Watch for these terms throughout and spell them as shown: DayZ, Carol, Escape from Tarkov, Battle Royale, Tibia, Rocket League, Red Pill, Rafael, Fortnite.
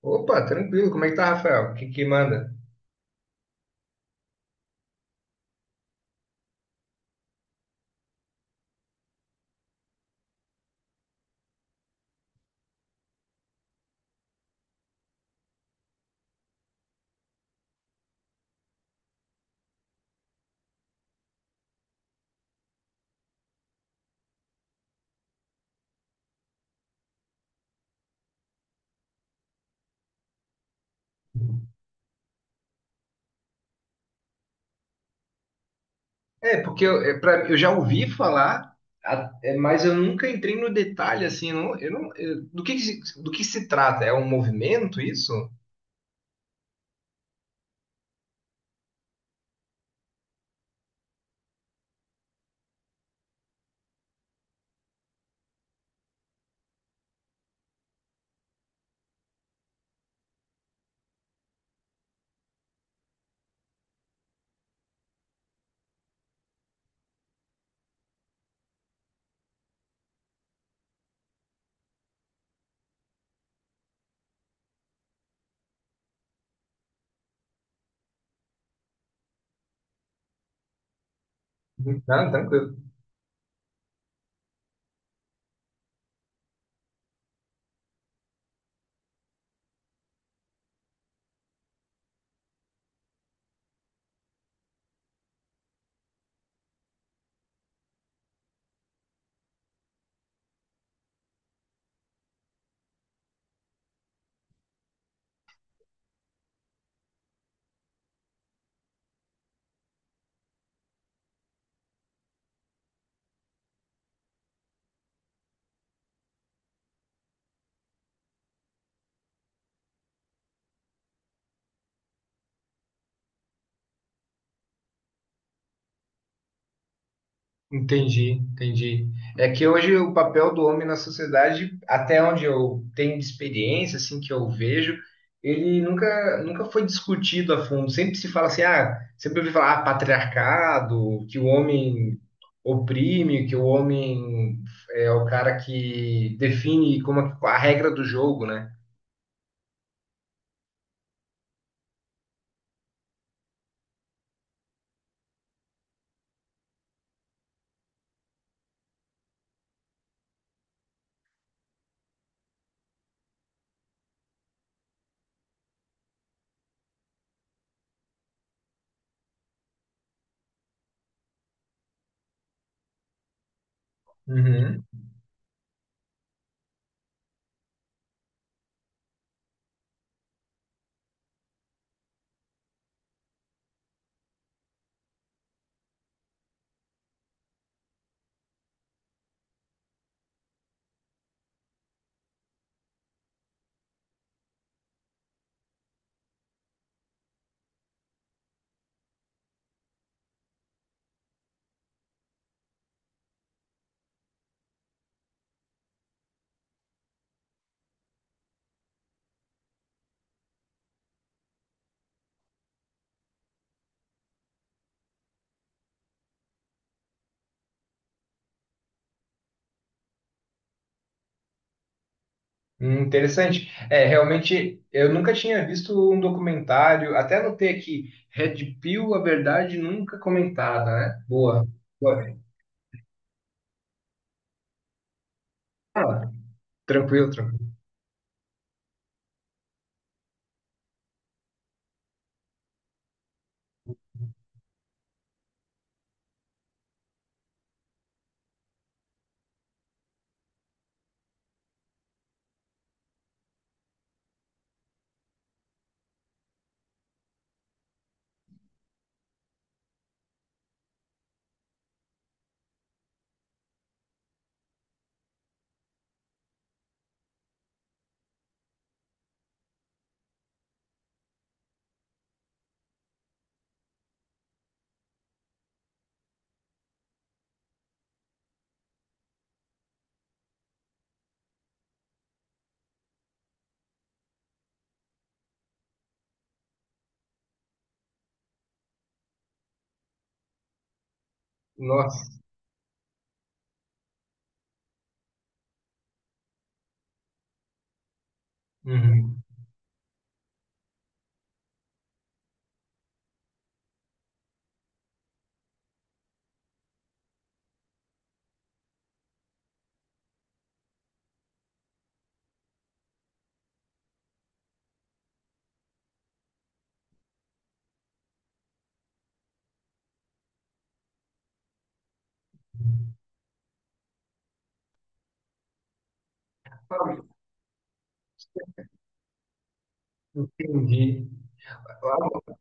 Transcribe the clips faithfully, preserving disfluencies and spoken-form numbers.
Opa, tranquilo. Como é que tá, Rafael? O que que manda? É, porque eu, é, pra- eu já ouvi falar, a- é, mas eu nunca entrei no detalhe, assim, eu não, eu não- eu- do que, que se- do que se trata? É um movimento isso? Uhum. Não, tranquilo. Entendi, entendi. É que hoje o papel do homem na sociedade, até onde eu tenho de experiência, assim, que eu vejo, ele nunca, nunca foi discutido a fundo. Sempre se fala assim, ah, sempre ouvi falar, ah, patriarcado, que o homem oprime, que o homem é o cara que define como a a regra do jogo, né? Hum, interessante. É, realmente, eu nunca tinha visto um documentário, até anotei aqui, Red Pill, a verdade nunca comentada, né? Boa. Boa. Ah, tranquilo, tranquilo. Nossa. Uhum. Ah. Entendi. Ah.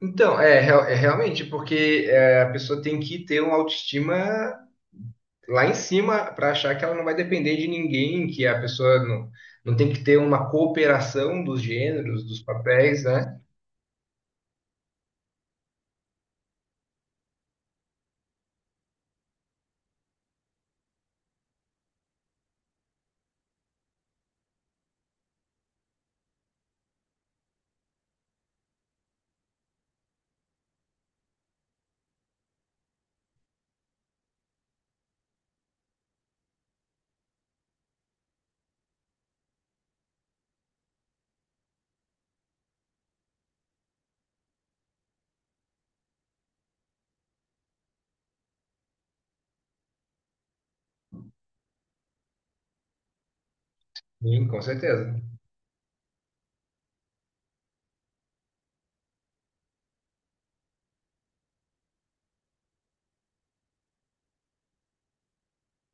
Então, é, real- é realmente, porque é, a pessoa tem que ter uma autoestima lá em cima para achar que ela não vai depender de ninguém, que a pessoa não, não tem que ter uma cooperação dos gêneros, dos papéis, né? Sim, com certeza.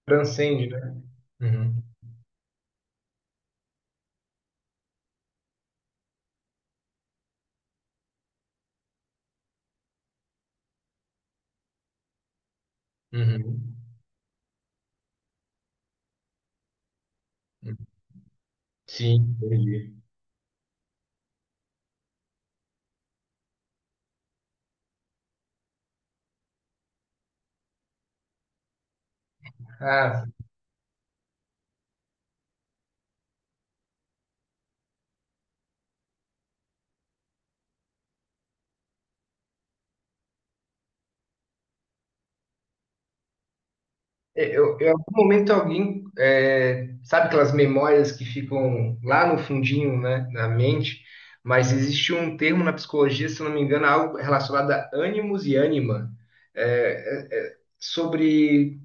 Transcende, né? Uhum, uhum. Sim, entendi. Ah, eu, eu- em algum momento alguém, é, sabe aquelas memórias que ficam lá no fundinho, né, da mente, mas existe um termo na psicologia, se eu não me engano, algo relacionado a ânimos e ânima, é, é, é, sobre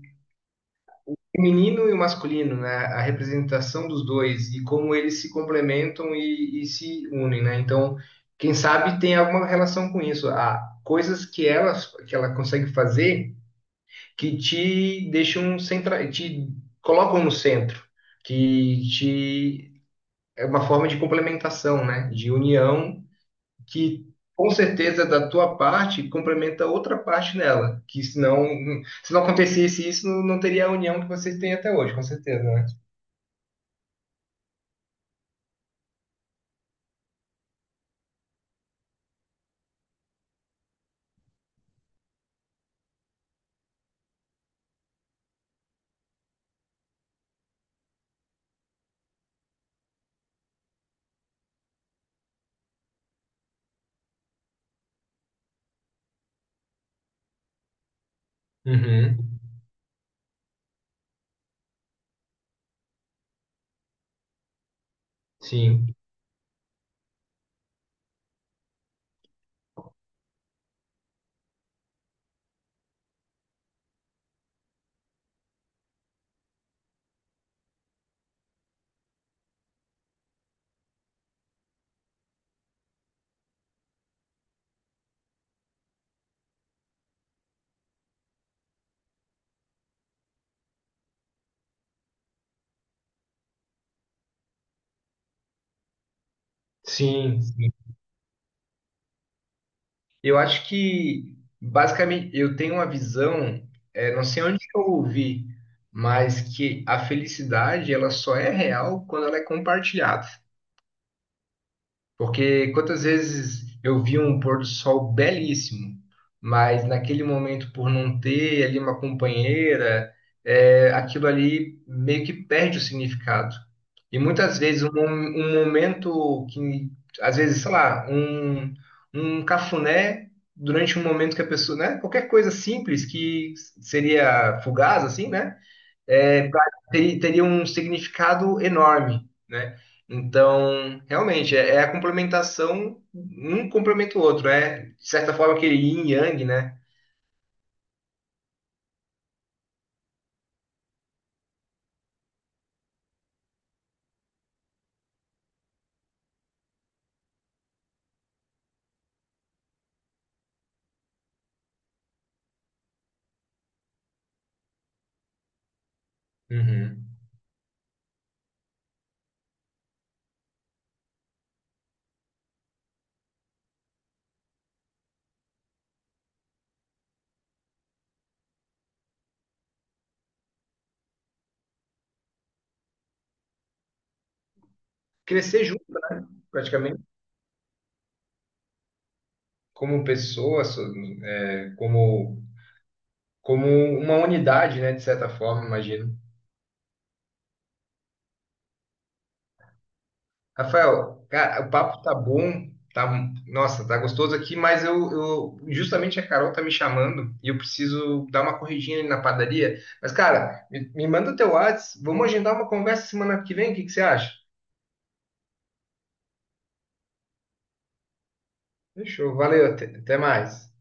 feminino e o masculino, né? A representação dos dois e como eles se complementam e, e se unem, né? Então, quem sabe tem alguma relação com isso. Há coisas que ela, que ela consegue fazer que te deixam centra, te colocam no centro, que te é uma forma de complementação, né? De união que com certeza da tua parte complementa outra parte nela, que senão, se não acontecesse isso, não teria a união que vocês têm até hoje, com certeza, né? Uhum, sim, sim, sim, Eu acho que, basicamente, eu tenho uma visão, é, não sei onde que eu ouvi, mas que a felicidade, ela só é real quando ela é compartilhada. Porque quantas vezes eu vi um pôr do sol belíssimo, mas naquele momento, por não ter ali uma companheira, é, aquilo ali meio que perde o significado. E muitas vezes um, um momento que, às vezes, sei lá, um, um cafuné durante um momento que a pessoa, né? Qualquer coisa simples que seria fugaz, assim, né? é, pra- ter- teria um significado enorme, né? Então, realmente, é, é a complementação, um complementa o outro, é, de certa forma, aquele yin e yang, né? Uhum. Crescer junto, praticamente, como pessoa, so- é, como, como uma unidade, né? De certa forma, imagino. Rafael, cara, o papo tá bom, tá, nossa, tá gostoso aqui, mas eu, eu- justamente a Carol tá me chamando e eu preciso dar uma corridinha ali na padaria. Mas, cara, me, me manda teu WhatsApp, vamos agendar uma conversa semana que vem, o que que você acha? Fechou, valeu, até até mais.